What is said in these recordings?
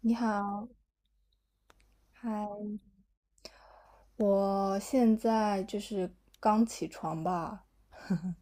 你好，嗨，我现在就是刚起床吧，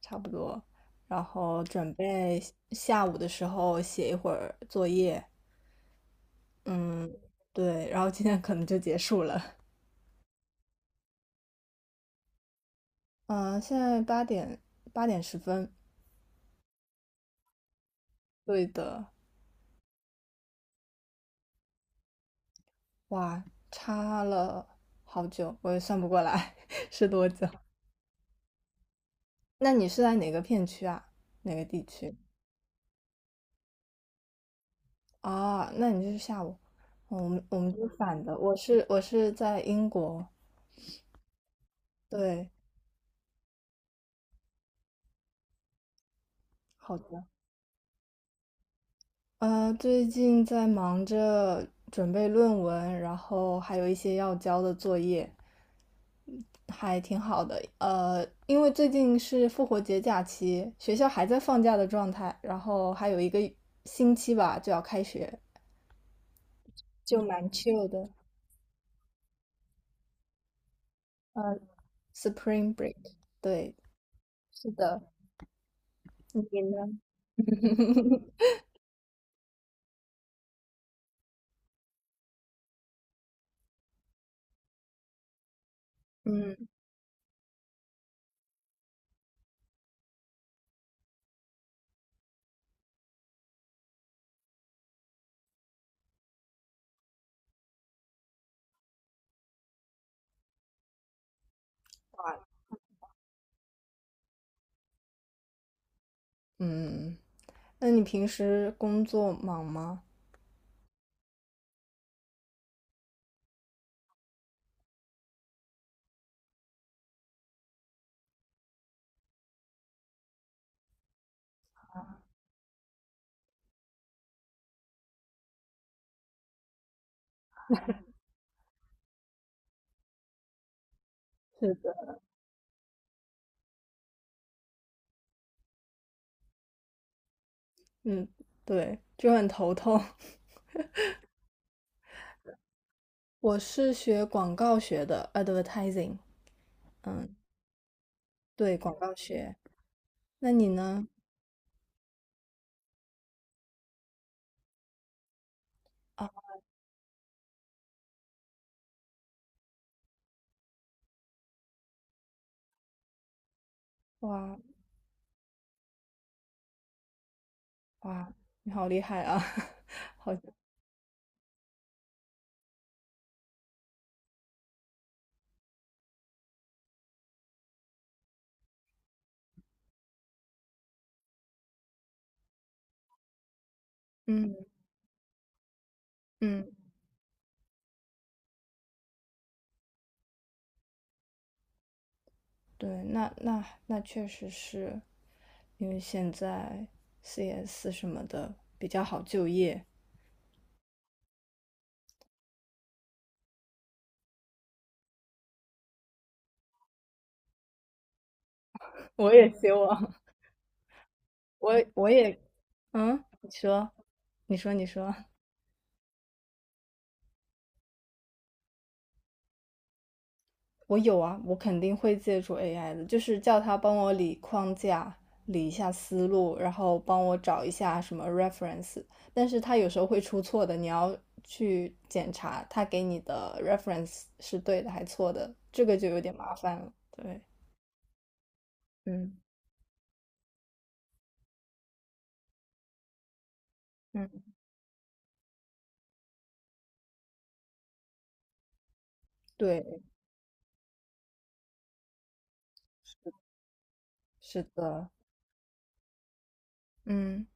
差不多，然后准备下午的时候写一会儿作业。嗯，对，然后今天可能就结束了。嗯，现在八点十分，对的。哇，差了好久，我也算不过来 是多久。那你是在哪个片区啊？哪个地区？啊，那你就是下午，我们就是反的。我是在英国，对，好的。最近在忙着准备论文，然后还有一些要交的作业，还挺好的。因为最近是复活节假期，学校还在放假的状态，然后还有一个星期吧就要开学，就蛮 chill 的。呃，Spring Break,对，是的。你呢？嗯嗯。那你平时工作忙吗？是，嗯，对，就很头痛。我是学广告学的，advertising,嗯，对，广告学。那你呢？啊，哇哇，你好厉害啊！好，嗯嗯，对，那确实是，因为现在 CS 什么的比较好就业。我也希望，我也，嗯，你说，你说，你说。我有啊，我肯定会借助 AI 的，就是叫他帮我理框架、理一下思路，然后帮我找一下什么 reference。但是他有时候会出错的，你要去检查他给你的 reference 是对的还错的，这个就有点麻烦了。对，嗯嗯，对，是的，嗯，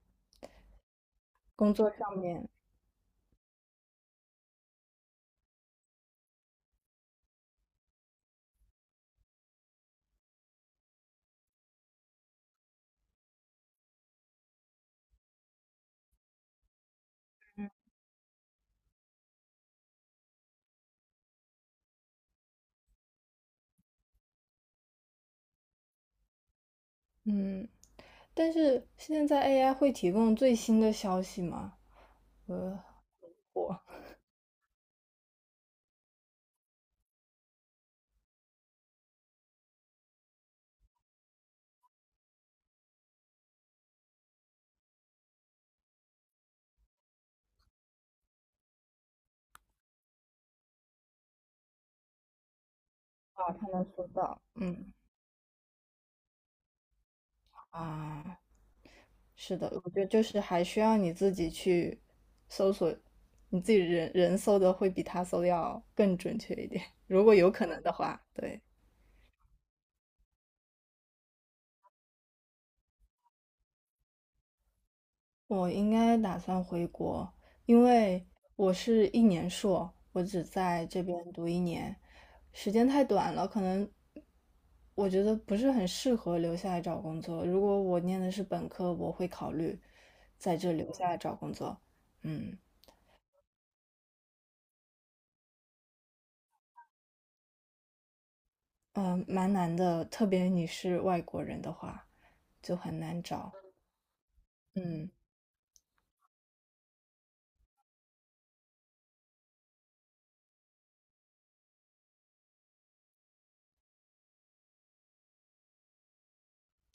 工作上面，嗯，但是现在 AI 会提供最新的消息吗？呃，我他能收到，嗯。啊，是的，我觉得就是还需要你自己去搜索，你自己人搜的会比他搜的要更准确一点，如果有可能的话。对，我应该打算回国，因为我是一年硕，我只在这边读一年，时间太短了，可能我觉得不是很适合留下来找工作。如果我念的是本科，我会考虑在这留下来找工作。嗯，嗯，蛮难的，特别你是外国人的话，就很难找。嗯，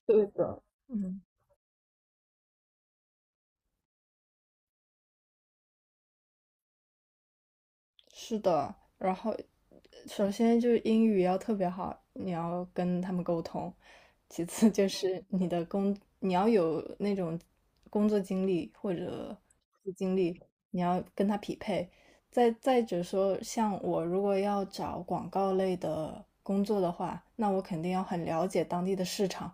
对的，嗯。是的，然后首先就是英语要特别好，你要跟他们沟通；其次就 是你的工，你要有那种工作经历或者实习经历，你要跟他匹配。再者说，像我如果要找广告类的工作的话，那我肯定要很了解当地的市场。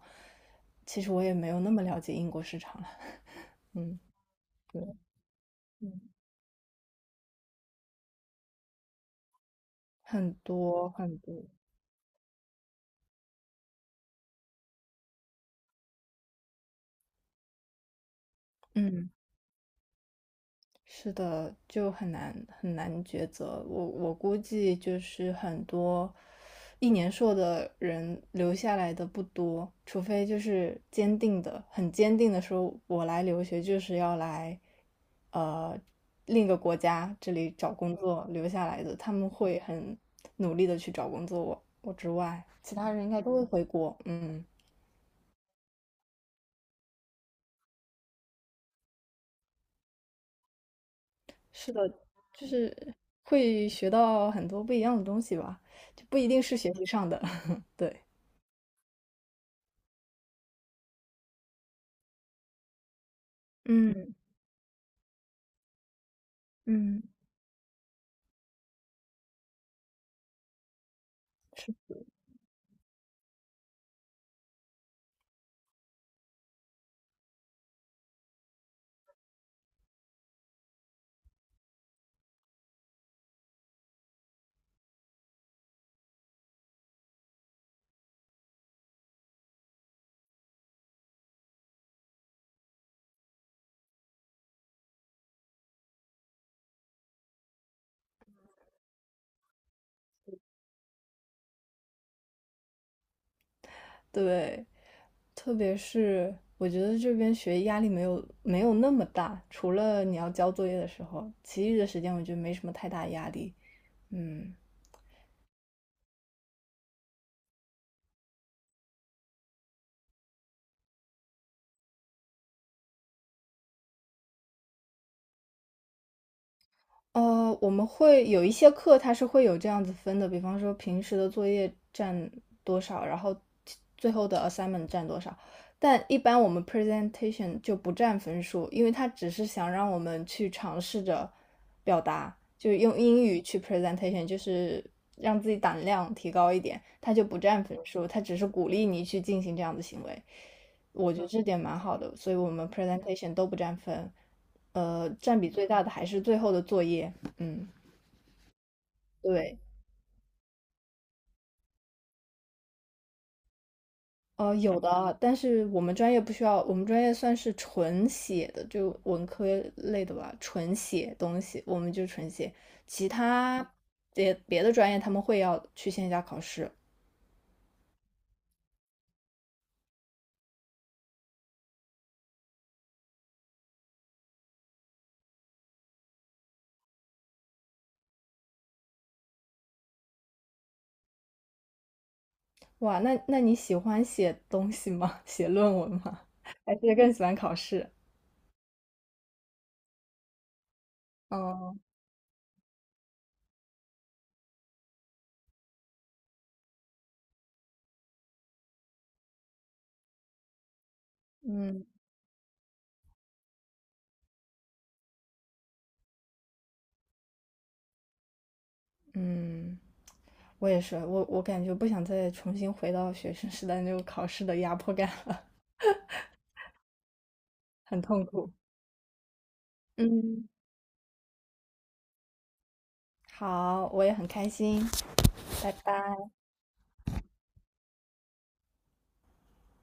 其实我也没有那么了解英国市场了。嗯，嗯很多很多。嗯，是的，就很难很难抉择。我估计就是很多一年硕的人留下来的不多，除非就是坚定的、很坚定的说，我来留学就是要来，呃，另一个国家这里找工作留下来的，他们会很努力的去找工作。我之外，其他人应该都会回国。嗯，是的，就是会学到很多不一样的东西吧，就不一定是学习上的。对，嗯嗯，是，对，特别是我觉得这边学压力没有那么大，除了你要交作业的时候，其余的时间我觉得没什么太大压力。嗯，我们会有一些课，它是会有这样子分的，比方说平时的作业占多少，然后最后的 assignment 占多少。但一般我们 presentation 就不占分数，因为它只是想让我们去尝试着表达，就是用英语去 presentation,就是让自己胆量提高一点，它就不占分数，它只是鼓励你去进行这样的行为。我觉得这点蛮好的，所以我们 presentation 都不占分，占比最大的还是最后的作业。嗯，对，有的啊但是我们专业不需要，我们专业算是纯写的，就文科类的吧，纯写东西，我们就纯写。其他别的专业他们会要去线下考试。哇，那你喜欢写东西吗？写论文吗？还是更喜欢考试？哦，嗯。嗯，我也是，我感觉不想再重新回到学生时代那种考试的压迫感了，很痛苦。嗯，好，我也很开心，拜拜。